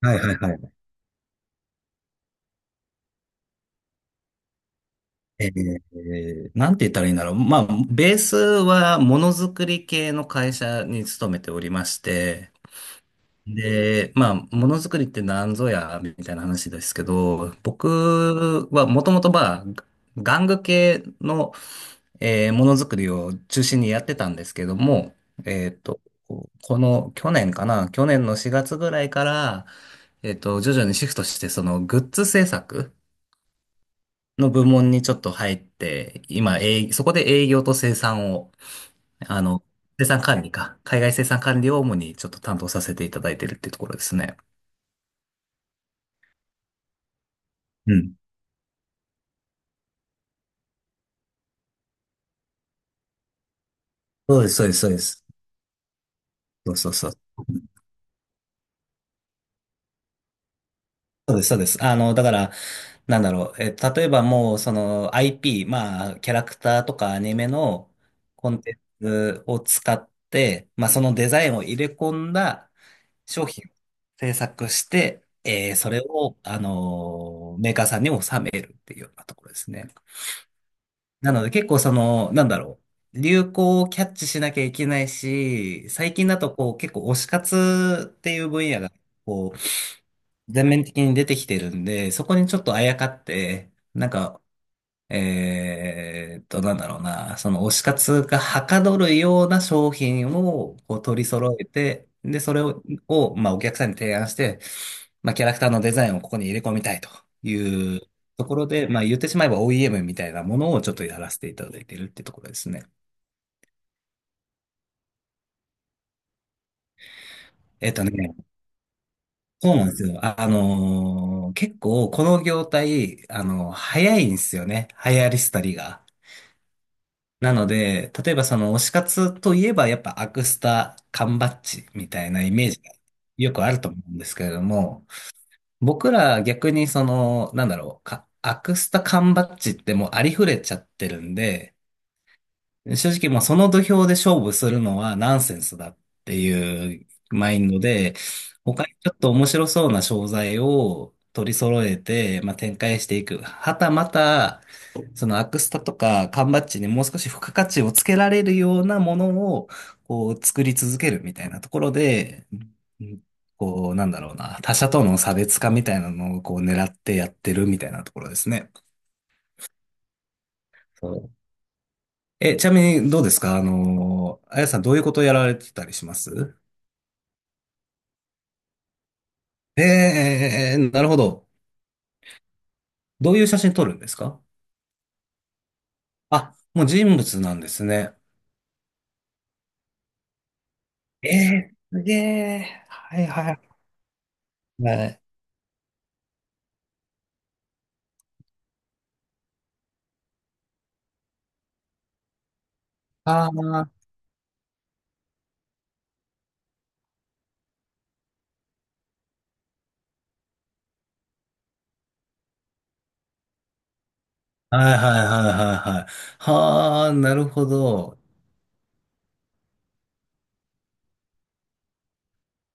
はいはいはい。なんて言ったらいいんだろう。まあ、ベースはものづくり系の会社に勤めておりまして、で、まあ、ものづくりって何ぞや、みたいな話ですけど、僕はもともとまあ、玩具系の、ものづくりを中心にやってたんですけども、えっと、この去年かな、去年の4月ぐらいから、徐々にシフトして、そのグッズ制作、の部門にちょっと入って、今、そこで営業と生産を、あの、生産管理か、海外生産管理を主にちょっと担当させていただいてるっていうところですね。うん。そうです、そうです、そうです。そうそうそう。そうです、そうです。だから、なんだろう。例えばもう、その IP、まあ、キャラクターとかアニメのコンテンツを使って、まあ、そのデザインを入れ込んだ商品を制作して、それを、メーカーさんに納めるっていうようなところですね。なので結構その、なんだろう、流行をキャッチしなきゃいけないし、最近だとこう結構推し活っていう分野がこう全面的に出てきてるんで、そこにちょっとあやかって、なんかなんだろうな、その推し活がはかどるような商品をこう取り揃えて、で、それをまあ、お客さんに提案して、まあ、キャラクターのデザインをここに入れ込みたいというところで、まあ、言ってしまえば OEM みたいなものをちょっとやらせていただいているってところですね。えっとね、そうなんですよ。結構この業態、早いんですよね。流行り廃りが。なので、例えばその推し活といえばやっぱアクスタ、缶バッジみたいなイメージがよくあると思うんですけれども、僕ら逆にその、なんだろう、アクスタ、缶バッジってもうありふれちゃってるんで、正直もうその土俵で勝負するのはナンセンスだっていうマインドで、他にちょっと面白そうな商材を取り揃えて、まあ、展開していく。はたまた、そのアクスタとか缶バッジにもう少し付加価値をつけられるようなものをこう作り続けるみたいなところで、うん。こうなんだろうな、他者との差別化みたいなのをこう狙ってやってるみたいなところですね。そう。ちなみにどうですか、あやさん、どういうことやられてたりします？えー、なるほど。どういう写真撮るんですか？あ、もう人物なんですね。えー、すげえ。はいはいはい。ああ、はいはいはいはいはい。はあ、なるほど。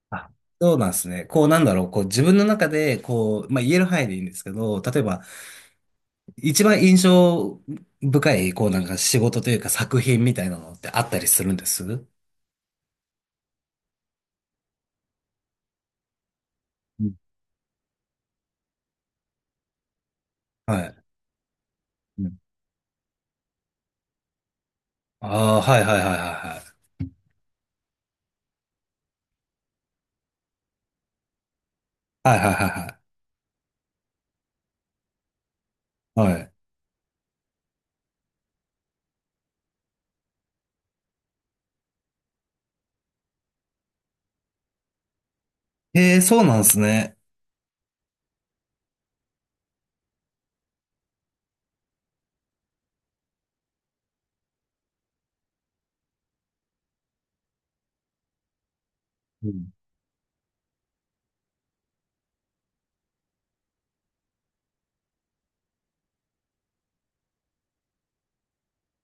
あ、そうなんですね。こうなんだろう。こう自分の中で、こう、まあ言える範囲でいいんですけど、例えば、一番印象深い、こうなんか仕事というか作品みたいなのってあったりするんですう？ん。はい。うん。ああ、はいはいはいはいはい。はいはいはいはい。はい。ええ、そうなんですね。うん。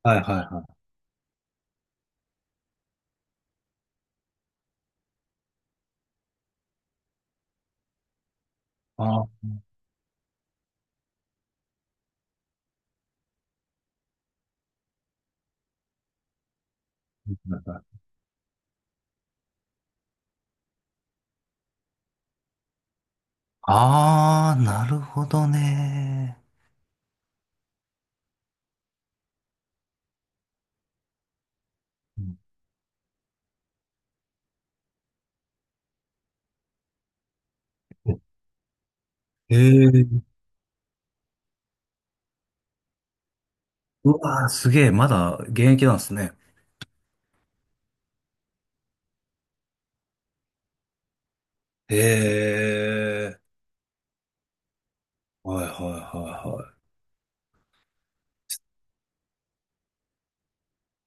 はいはいはい。あーはいはい。あー、なるほどね。うん。へえ。うわー、すげえ、まだ現役なんですね。へえ、はいはいはいは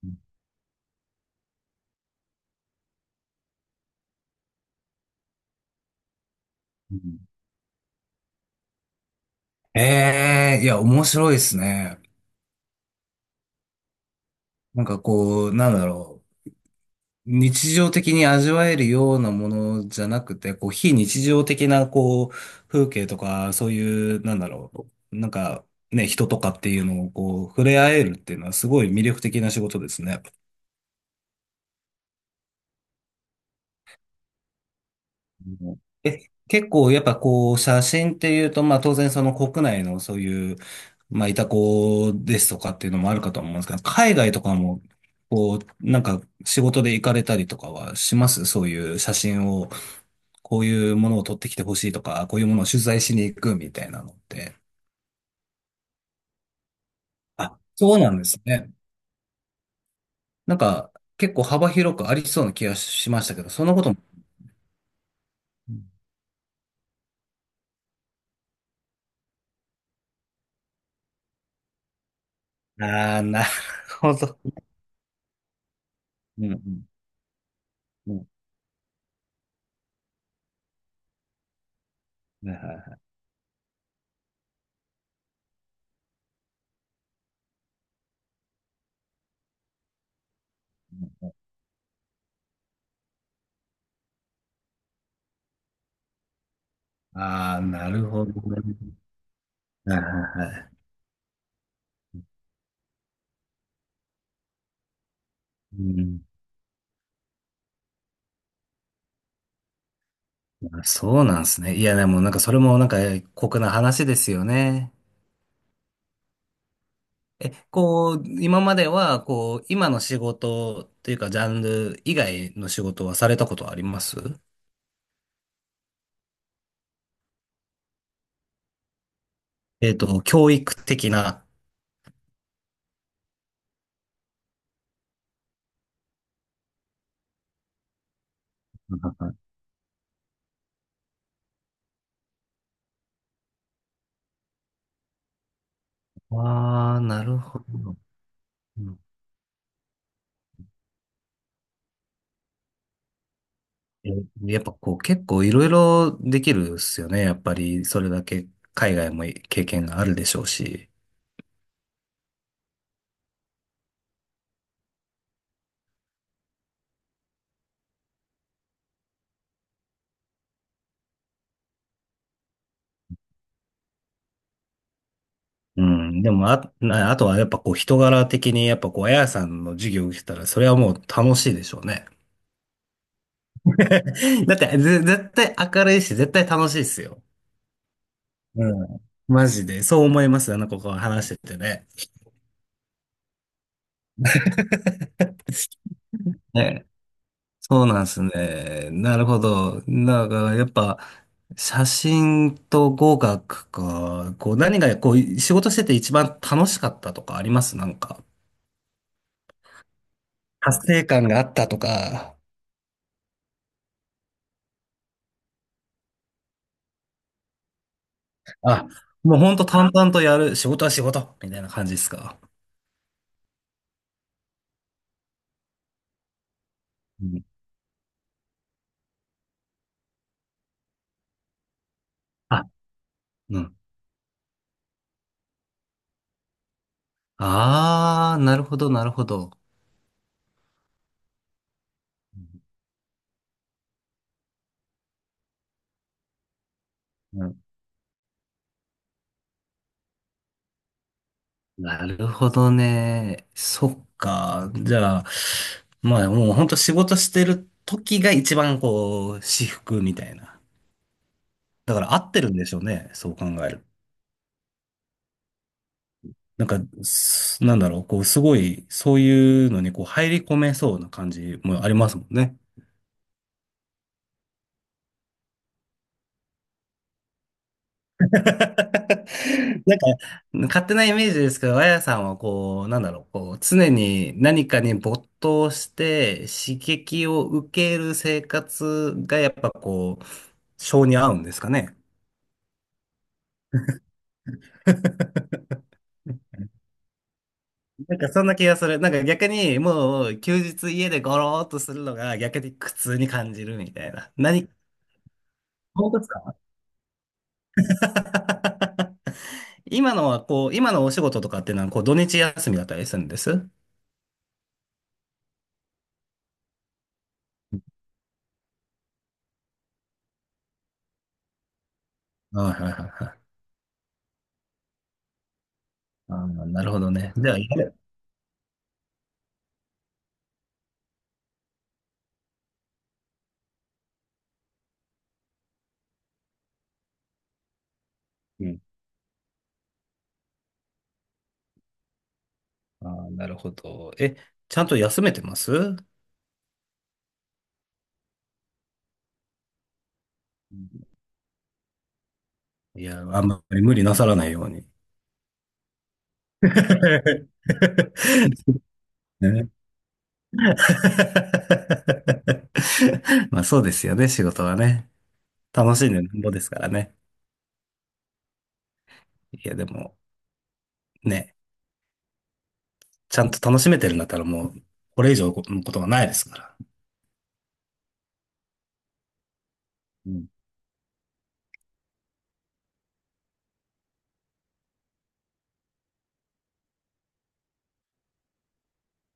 い。うん。ええ、いや、面白いですね。なんかこう、なんだろう。日常的に味わえるようなものじゃなくて、こう、非日常的な、こう、風景とか、そういう、なんだろう。なんか、ね、人とかっていうのを、こう、触れ合えるっていうのは、すごい魅力的な仕事ですね。え、結構やっぱこう写真っていうと、まあ当然その国内のそういう、まあいたこですとかっていうのもあるかと思うんですけど、海外とかも、こう、なんか仕事で行かれたりとかはします？そういう写真を、こういうものを撮ってきてほしいとか、こういうものを取材しに行くみたいなのって。あ、そうなんですね。なんか結構幅広くありそうな気がしましたけど、そんなことも。ああー、なるほど。うんうんうん。はいはい。ああ、なるほどね。はいはいはい。うん。あ、そうなんですね。いや、でもなんかそれもなんか酷な話ですよね。こう、今までは、こう、今の仕事っていうか、ジャンル以外の仕事はされたことあります？教育的な。ああー、なるほど。うん。えやっぱこう、結構いろいろできるっすよね。やっぱり、それだけ海外も経験があるでしょうし。うん。でも、あ、なあとはやっぱこう人柄的に、やっぱこう、あやさんの授業を受けたら、それはもう楽しいでしょうね。だって、絶対明るいし、絶対楽しいっすよ。うん。マジで。そう思います。あの子が話しててね。ね。そうなんですね。なるほど。なんか、やっぱ、写真と語学か、こう、何が、こう、仕事してて一番楽しかったとかあります？なんか、達成感があったとか。あ、もうほんと淡々とやる、仕事は仕事みたいな感じですか？うん。あ、うん。あー、なるほど、なるほど。うん、なるほどね。そっか。じゃあ、まあもうほんと仕事してる時が一番こう、至福みたいな。だから合ってるんでしょうね。そう考える。なんか、なんだろう、こう、すごい、そういうのにこう、入り込めそうな感じもありますもんね。なん勝手なイメージですけど、あやさんはこう、なんだろう、こう、常に何かに没頭して刺激を受ける生活がやっぱこう、性に合うんですかね。なんかそんな気がする。なんか逆にもう休日家でゴローっとするのが逆に苦痛に感じるみたいな。本当ですか？ 今のはこう、今のお仕事とかっていうのはこう土日休みだったりするんです？はいはいはいはい。あーなるほどね。では、やる。ああなるほど。ちゃんと休めてます？うん。いや、あんまり無理なさらないように。ね。 まあそうですよね、仕事はね。楽しんでなんぼですからね。いや、でも、ね、ちゃんと楽しめてるんだったらもう、これ以上のことはないですから。うん